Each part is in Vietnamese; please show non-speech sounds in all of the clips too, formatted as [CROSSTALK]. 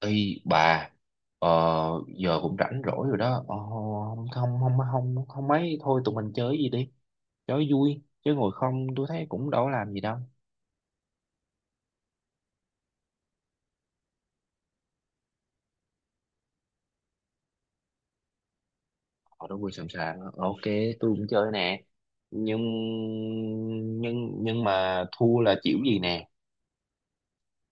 Ý bà. ờ, Giờ cũng rảnh rỗi rồi đó. Ờ, không không không không không mấy thôi, tụi mình chơi gì đi, chơi vui chứ ngồi không tôi thấy cũng đâu có làm gì đâu. Ờ, đúng rồi, sẵn sàng. Ờ, ok, tôi cũng chơi nè. Nhưng mà thua là chịu gì nè?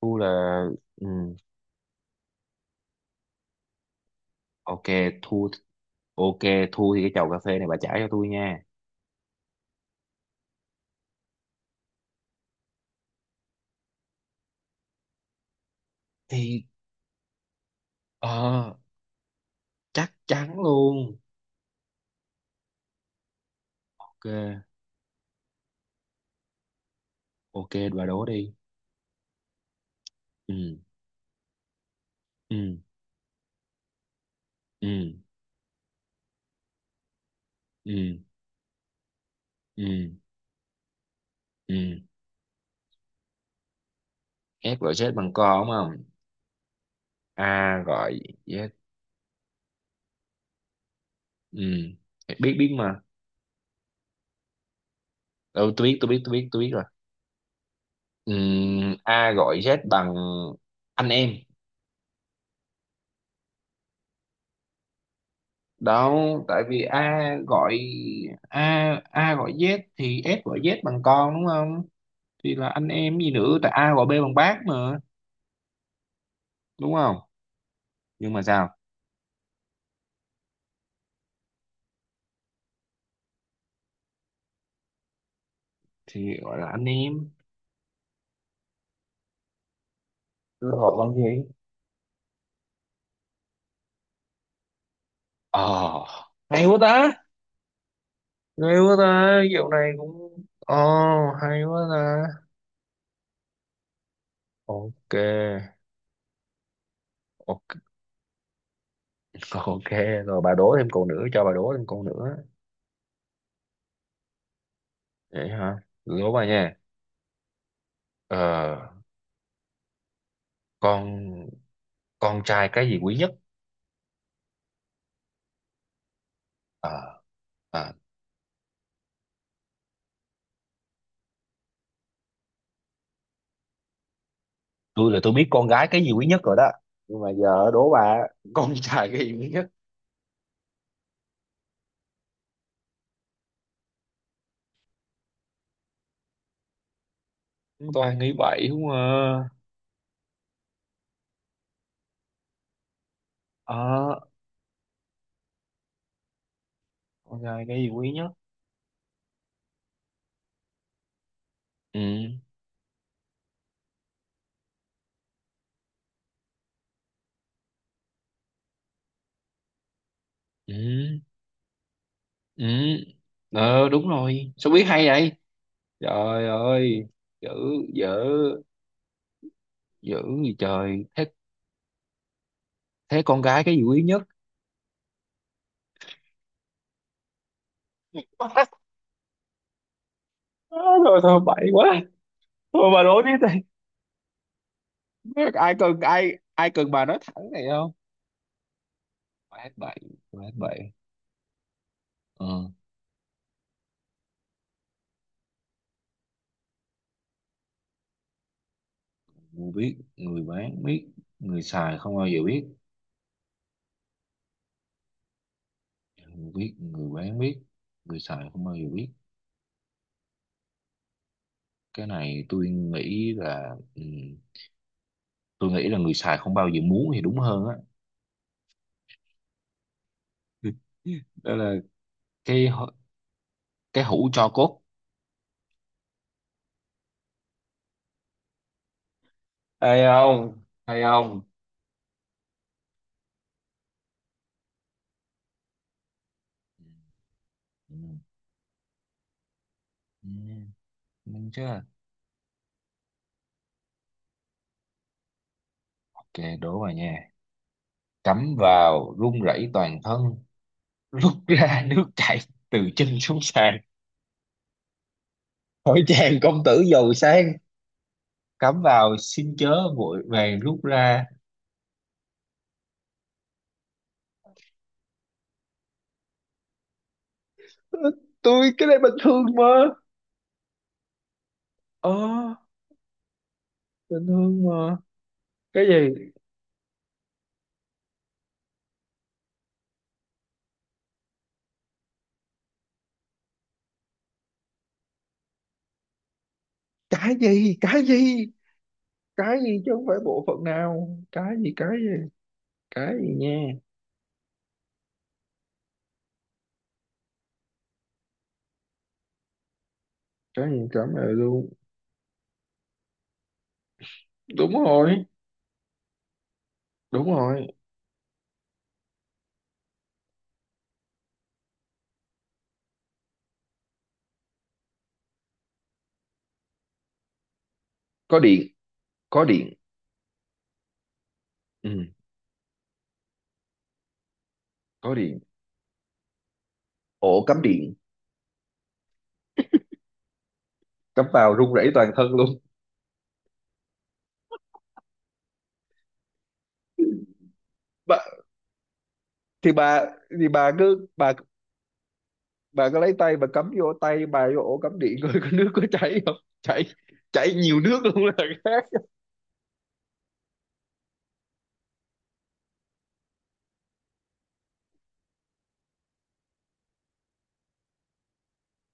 Thua là ừ, ok. Thua. Ok. Thua thì cái chầu cà phê này bà trả cho tôi nha. Thì ờ chắc chắn luôn. Ok. Ok, bà đố đi. Ừ. Ừ. Ừ. Ừ. Ừ. Ừ. Ép gọi chết bằng co, đúng không? A gọi Z. Ừ, biết biết mà. Ừ, tôi biết tôi biết tôi biết tôi biết rồi. Ừ, a gọi Z bằng anh em đó. Tại vì a gọi, a gọi Z thì f gọi Z bằng con đúng không? Thì là anh em gì nữa, tại a gọi B bằng bác mà, đúng không? Nhưng mà sao? Thì gọi là anh em. Tôi gọi bằng gì? Ờ. Hay quá ta. Hay quá ta, dạo này cũng hay quá ta. Ok. Ok. [LAUGHS] Ok. Rồi bà đố thêm câu nữa, cho bà đố thêm câu nữa. Vậy hả, đố bà nha. Ờ, con con trai cái gì quý nhất? Ờ, à, tôi là tôi biết con gái cái gì quý nhất rồi đó, nhưng mà giờ đố bà. Con [LAUGHS] trai cái gì quý nhất? Chúng toàn nghĩ vậy không à. Ờ. Con trai cái gì quý nhất? Ừ. Ừ. Ừ. Ờ, đúng rồi, sao biết hay vậy? Trời ơi. Dữ. Dở. Dữ. Gì trời thế. Thế con gái cái gì quý nhất? Á, thôi thôi bậy quá. Thôi bà đố tiếp đi, ai cần, ai ai cần, bà nói thẳng này không. Quá bậy. Quá bậy. Ờ. Người biết người bán biết, người xài không bao giờ biết. Người biết người bán biết, người xài không bao giờ biết. Cái này tôi nghĩ là người xài không bao giờ muốn thì đúng hơn á. [LAUGHS] Đó là cái hũ- cái hũ tro cốt. Hay không? Hay không? Ừ. Ừ, đúng chưa. Ok, đố vào nha. Cắm vào run rẩy toàn thân, rút ra [LAUGHS] nước chảy từ chân xuống sàn. Hỏi chàng công tử giàu sang, cắm vào xin chớ vội vàng rút ra. Tôi cái này bình thường mà. Ờ. Bình thường mà. Cái gì? Cái gì? Cái gì, cái gì chứ không phải bộ phận nào. Cái gì, cái gì? Cái gì nha. Cái gì cắm vào luôn. Đúng rồi. Đúng rồi. Có điện. Có điện. Ừ. Có điện. Ổ cắm điện. Cắm vào run rẩy toàn thân luôn. Bà- thì bà thì bà cứ Bà cứ lấy tay bà cắm vô, tay bà vô ổ cắm điện coi có nước có chảy không. Chảy. Chảy nhiều nước luôn là khác.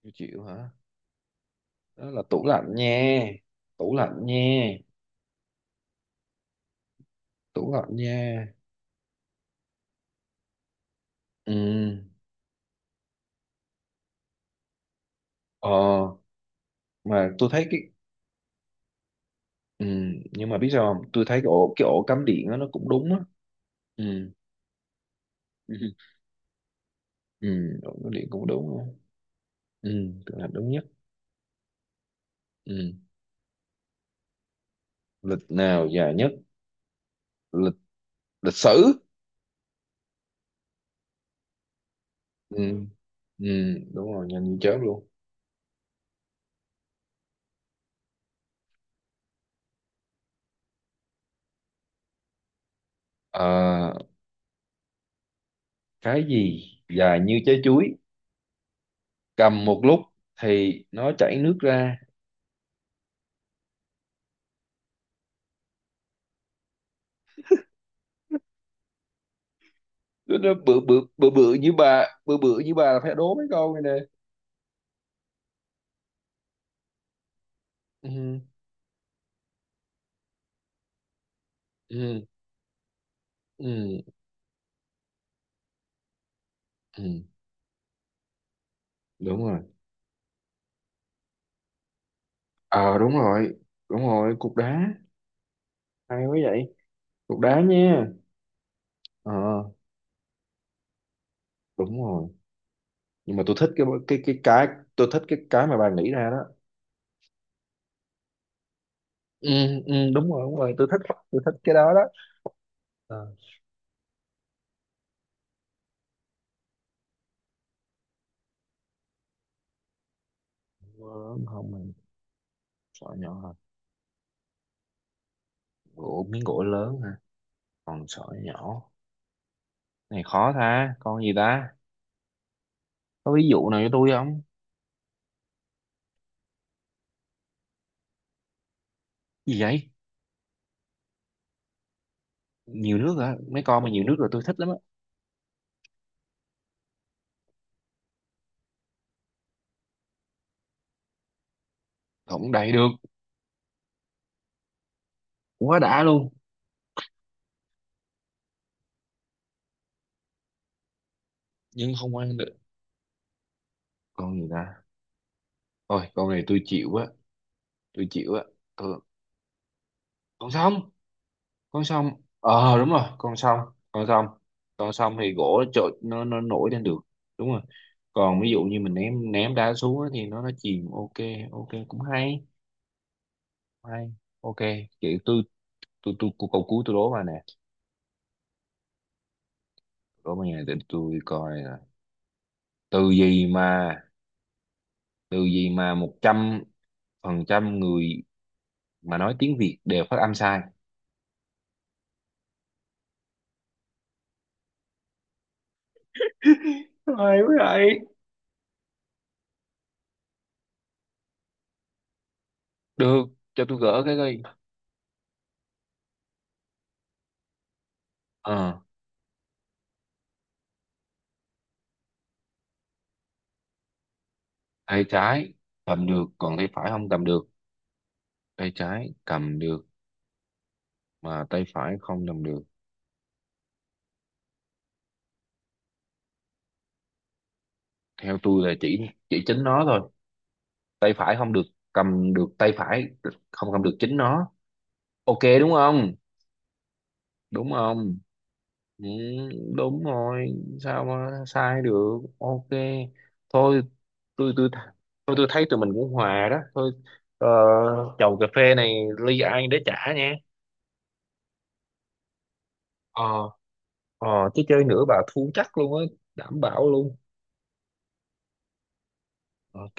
Chịu, chịu hả? Đó là tủ lạnh nha. Tủ lạnh nha. Tủ lạnh nha. Ừ. Ờ. Mà tôi thấy cái. Ừ. Nhưng mà biết sao không, tôi thấy cái ổ cắm điện đó, nó cũng đúng á. Ừ. [LAUGHS] Ừ, ổ cắm điện cũng đúng á. Ừ. Tủ lạnh đúng nhất. Ừ. Lịch nào dài nhất? Lịch Lịch sử. Ừ. Ừ. Đúng rồi, nhanh như chớp luôn. Ờ, cái gì dài như trái chuối, cầm một lúc thì nó chảy nước ra? Nó bự bự bự bự như bà, bự bự như bà là phải đố mấy câu này nè. Ừ. Ừ. Ừ. Ừ. Đúng rồi. Ờ, đúng rồi, đúng rồi. Cục đá. Hay quá vậy. Cục đá nha. Ờ. Đúng rồi. Nhưng mà tôi thích cái. Tôi thích cái mà bà nghĩ ra đó. Ừ. Ừ, đúng rồi, đúng rồi, tôi thích. Tôi thích cái đó đó. Ờ. Miếng gỗ lớn không mà, sọ nhỏ hả? Miếng gỗ lớn hả, con sỏi nhỏ. Này khó ta, con gì ta. Có ví dụ nào cho tôi không? Gì vậy. Nhiều nước hả, mấy con mà nhiều nước rồi tôi thích lắm á. Không đầy được. Quá đã luôn. Nhưng không ăn được. Con gì ta. Thôi con này tôi chịu á. Tôi chịu á. Tôi... Con sông. Con sông, ờ đúng rồi, con sông. Con sông. Con sông thì gỗ nó trội, nó nổi lên được. Đúng rồi. Còn ví dụ như mình ném ném đá xuống á thì nó chìm. Ok. Ok, cũng hay. Hay. Ok. Vậy tôi, tôi câu cuối tôi đố mà nè. Có mấy ngày để tôi coi nè. Tư duy mà. Từ gì mà 100% người mà nói tiếng Việt đều phát âm sai? Ai vậy? Được. Cho tôi gỡ cái coi. Ờ. Tay trái cầm được còn tay phải không cầm được. Tay trái cầm được mà tay phải không cầm được. Theo tôi là chỉ chính nó thôi. Tay phải không được. Cầm được tay phải, không cầm được chính nó. Ok, đúng không? Đúng không? Ừ. Đúng rồi. Sao mà sai được. Ok. Thôi tôi tôi tôi thấy tụi mình cũng hòa đó thôi. Ờ, chầu cà phê này ly ai để trả nha. Ờ. Ờ. Chứ chơi nữa bà thua chắc luôn á, đảm bảo luôn. Ok.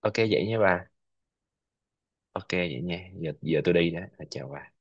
Ok, vậy nha bà. Ok vậy nha, giờ giờ tôi đi đó. Chào bà.